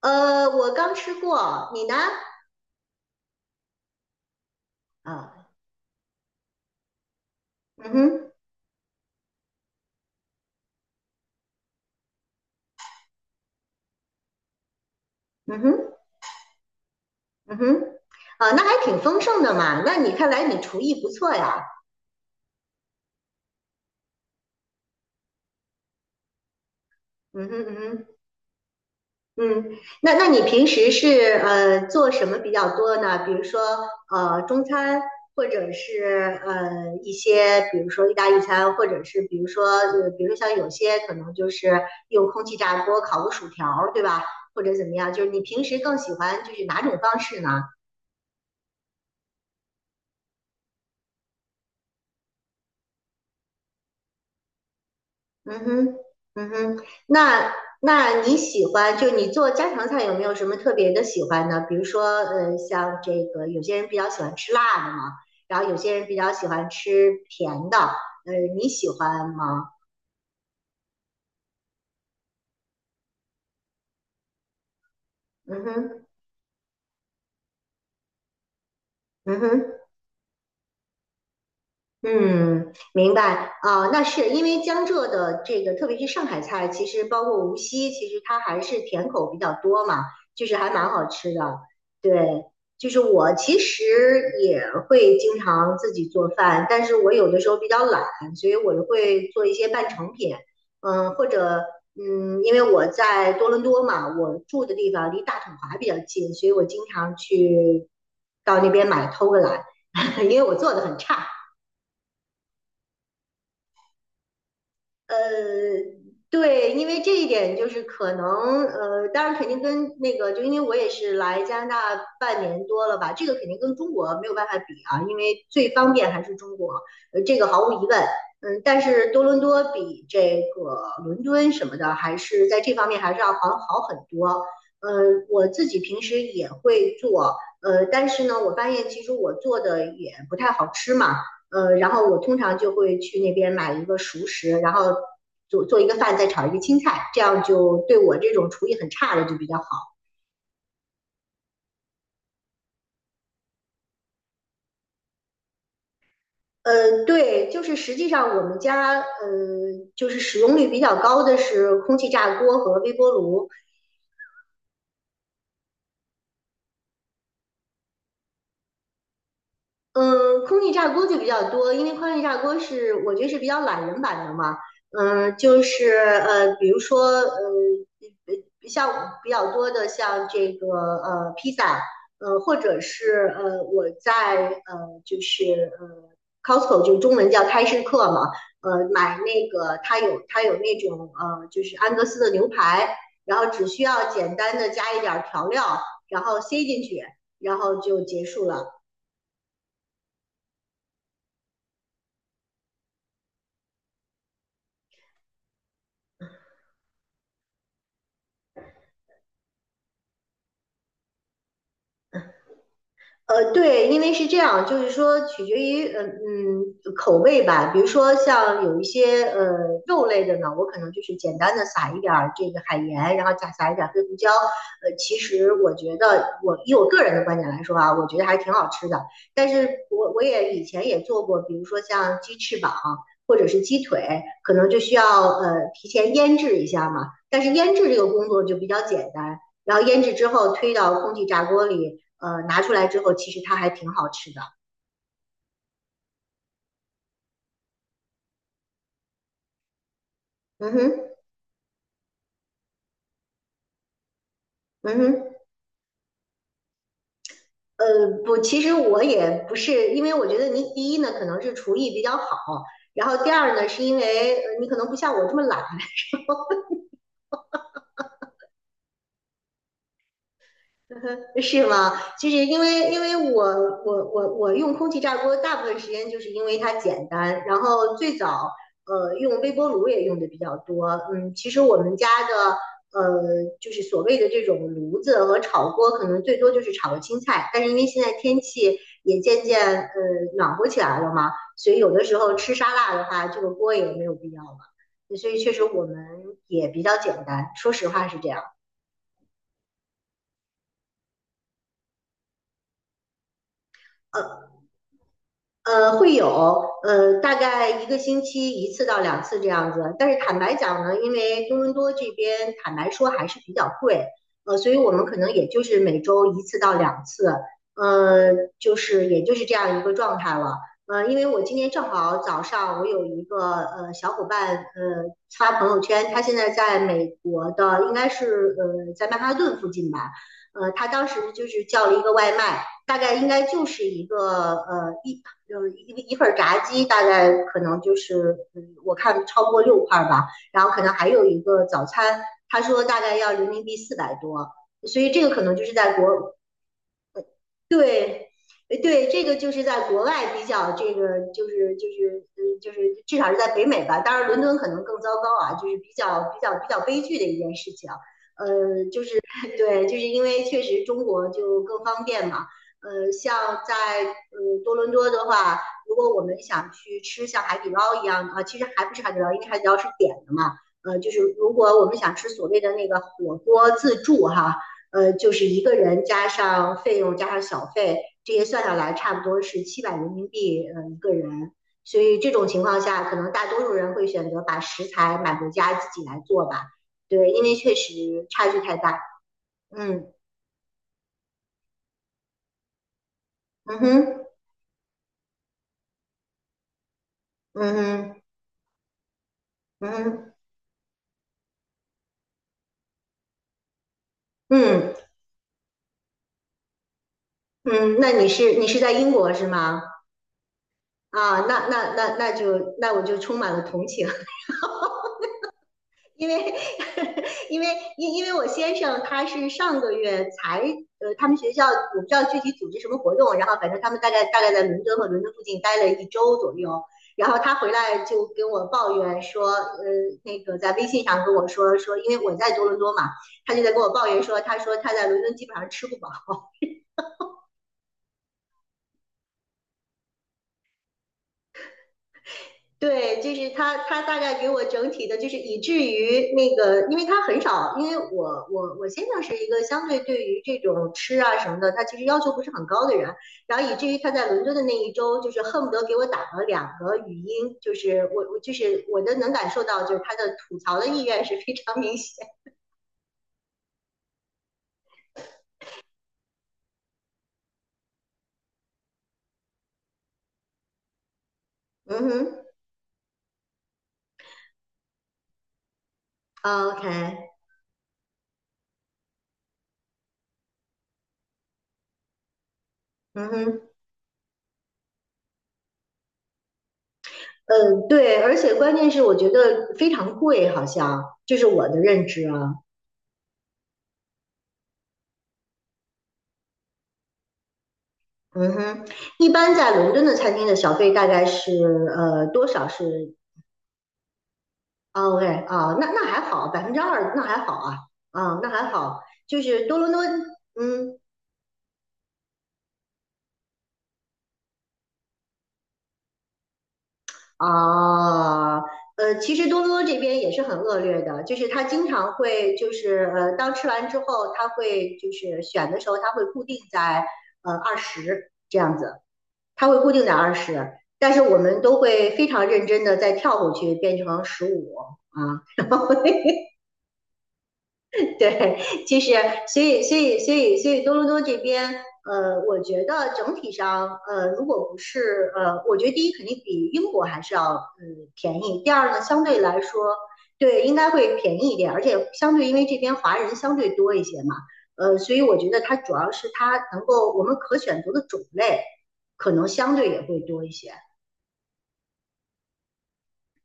我刚吃过，你呢？啊。嗯哼。嗯哼。嗯哼。啊，那还挺丰盛的嘛。那你看来你厨艺不错呀。嗯哼。嗯哼。嗯，那你平时是做什么比较多呢？比如说中餐，或者是一些比如说意大利餐，或者是比如说比如像有些可能就是用空气炸锅烤个薯条儿对吧？或者怎么样？就是你平时更喜欢就是哪种方式呢？嗯哼。嗯哼。那那你喜欢就你做家常菜有没有什么特别的喜欢呢？比如说，像这个有些人比较喜欢吃辣的嘛，然后有些人比较喜欢吃甜的，你喜欢吗？嗯哼。嗯哼。嗯，明白啊，那是因为江浙的这个，特别是上海菜，其实包括无锡，其实它还是甜口比较多嘛，就是还蛮好吃的。对，就是我其实也会经常自己做饭，但是我有的时候比较懒，所以我就会做一些半成品，或者因为我在多伦多嘛，我住的地方离大统华比较近，所以我经常去到那边买偷个懒，因为我做的很差。呃，对，因为这一点就是可能，当然肯定跟那个，就因为我也是来加拿大半年多了吧，这个肯定跟中国没有办法比啊，因为最方便还是中国，这个毫无疑问。但是多伦多比这个伦敦什么的，还是在这方面还是要好好很多。呃，我自己平时也会做，但是呢，我发现其实我做的也不太好吃嘛。然后我通常就会去那边买一个熟食，然后做一个饭，再炒一个青菜，这样就对我这种厨艺很差的就比较好。对，就是实际上我们家就是使用率比较高的是空气炸锅和微波炉。嗯，空气炸锅就比较多，因为空气炸锅是我觉得是比较懒人版的嘛。就是比如说像比较多的像这个披萨，或者是我在就是Costco 就中文叫开市客嘛，买那个它有那种就是安格斯的牛排，然后只需要简单的加一点儿调料，然后塞进去，然后就结束了。对，因为是这样，就是说取决于口味吧。比如说像有一些肉类的呢，我可能就是简单的撒一点儿这个海盐，然后加撒一点儿黑胡椒。其实我觉得我以我个人的观点来说啊，我觉得还挺好吃的。但是我也以前也做过，比如说像鸡翅膀或者是鸡腿，可能就需要提前腌制一下嘛。但是腌制这个工作就比较简单。然后腌制之后推到空气炸锅里，拿出来之后，其实它还挺好吃的。嗯哼。嗯哼。不，其实我也不是，因为我觉得你第一呢，可能是厨艺比较好，然后第二呢，是因为你可能不像我这么懒，是吗？其实因为我用空气炸锅大部分时间就是因为它简单，然后最早用微波炉也用的比较多。嗯，其实我们家的就是所谓的这种炉子和炒锅，可能最多就是炒个青菜，但是因为现在天气也渐渐暖和起来了嘛，所以有的时候吃沙拉的话，这个锅也没有必要了。所以确实我们也比较简单，说实话是这样。呃，会有，大概一个星期一次到两次这样子。但是坦白讲呢，因为多伦多这边坦白说还是比较贵，所以我们可能也就是每周一次到两次，呃，就是也就是这样一个状态了。因为我今天正好早上我有一个小伙伴发朋友圈，他现在在美国的，应该是在曼哈顿附近吧，他当时就是叫了一个外卖，大概应该就是一个呃一就是一一份炸鸡大概可能就是我看超过6块吧，然后可能还有一个早餐，他说大概要人民币400多，所以这个可能就是在国。对。对，这个就是在国外比较，这个就是至少是在北美吧。当然，伦敦可能更糟糕啊，就是比较悲剧的一件事情。对，就是因为确实中国就更方便嘛。像在多伦多的话，如果我们想去吃像海底捞一样的啊，其实还不是海底捞，因为海底捞是点的嘛。就是如果我们想吃所谓的那个火锅自助哈，就是一个人加上费用加上小费，这些算下来差不多是700人民币一个人。所以这种情况下，可能大多数人会选择把食材买回家自己来做吧。对，因为确实差距太大。嗯嗯哼。嗯哼。嗯哼。嗯嗯。那你是在英国是吗？啊，那我就充满了同情，因为 因为因为我先生他是上个月才他们学校我不知道具体组织什么活动，然后反正他们大概在伦敦和伦敦附近待了一周左右，然后他回来就跟我抱怨说，那个在微信上跟我说，因为我在多伦多嘛，他就在跟我抱怨说，他说他在伦敦基本上吃不饱。对，就是他，他大概给我整体的，就是以至于那个，因为他很少，因为我先生是一个相对对于这种吃啊什么的，他其实要求不是很高的人，然后以至于他在伦敦的那一周，就是恨不得给我打了两个语音，就是我就是我的能感受到，就是他的吐槽的意愿是非常明显。嗯哼。啊，OK。嗯哼。嗯，对，而且关键是我觉得非常贵，好像这是我的认知啊。嗯哼。一般在伦敦的餐厅的小费大概是多少是啊？OK 啊，那还好，2%那还好啊。啊，那还好，就是多伦多。嗯啊其实多伦多这边也是很恶劣的，就是他经常会就是当吃完之后，他会就是选的时候，他会固定在二十这样子，他会固定在二十，但是我们都会非常认真的再跳过去变成15啊。对，其实所以多伦多这边，我觉得整体上，如果不是我觉得第一肯定比英国还是要便宜，第二呢，相对来说，对，应该会便宜一点，而且相对因为这边华人相对多一些嘛，所以我觉得它主要是它能够我们可选择的种类可能相对也会多一些。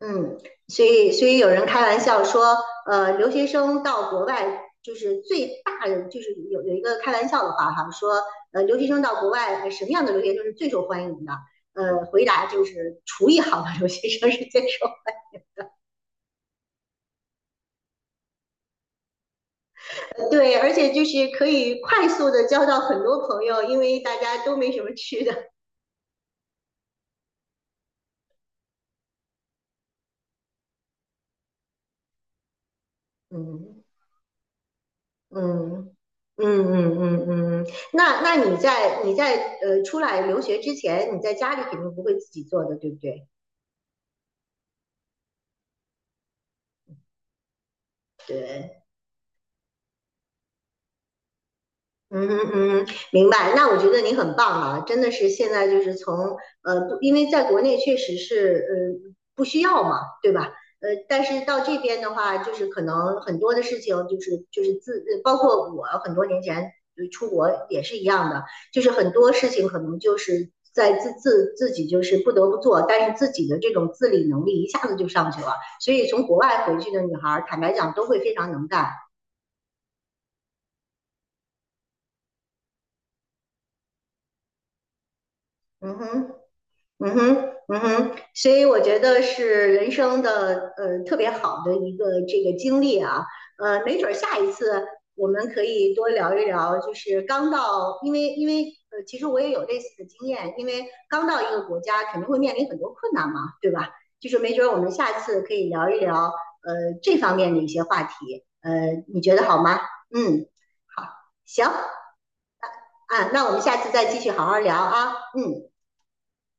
嗯，所以有人开玩笑说，留学生到国外就是最大的，就是有一个开玩笑的话哈，说留学生到国外，什么样的留学生是最受欢迎的？回答就是厨艺好的留学生是最受欢迎的，对，而且就是可以快速的交到很多朋友，因为大家都没什么吃的。嗯嗯嗯嗯嗯嗯，那你在出来留学之前，你在家里肯定不会自己做的，对不对？对。嗯哼。嗯哼。明白。那我觉得你很棒啊，真的是现在就是从不因为在国内确实是不需要嘛，对吧？但是到这边的话，就是可能很多的事情就是就是自，呃包括我很多年前出国也是一样的，就是很多事情可能就是在自己就是不得不做，但是自己的这种自理能力一下子就上去了，所以从国外回去的女孩儿，坦白讲都会非常能干。嗯哼。嗯哼。嗯哼。所以我觉得是人生的特别好的一个这个经历啊，没准儿下一次我们可以多聊一聊，就是刚到，因为其实我也有类似的经验，因为刚到一个国家肯定会面临很多困难嘛，对吧？就是没准儿我们下次可以聊一聊这方面的一些话题，你觉得好吗？嗯，好，行啊，那我们下次再继续好好聊啊，嗯。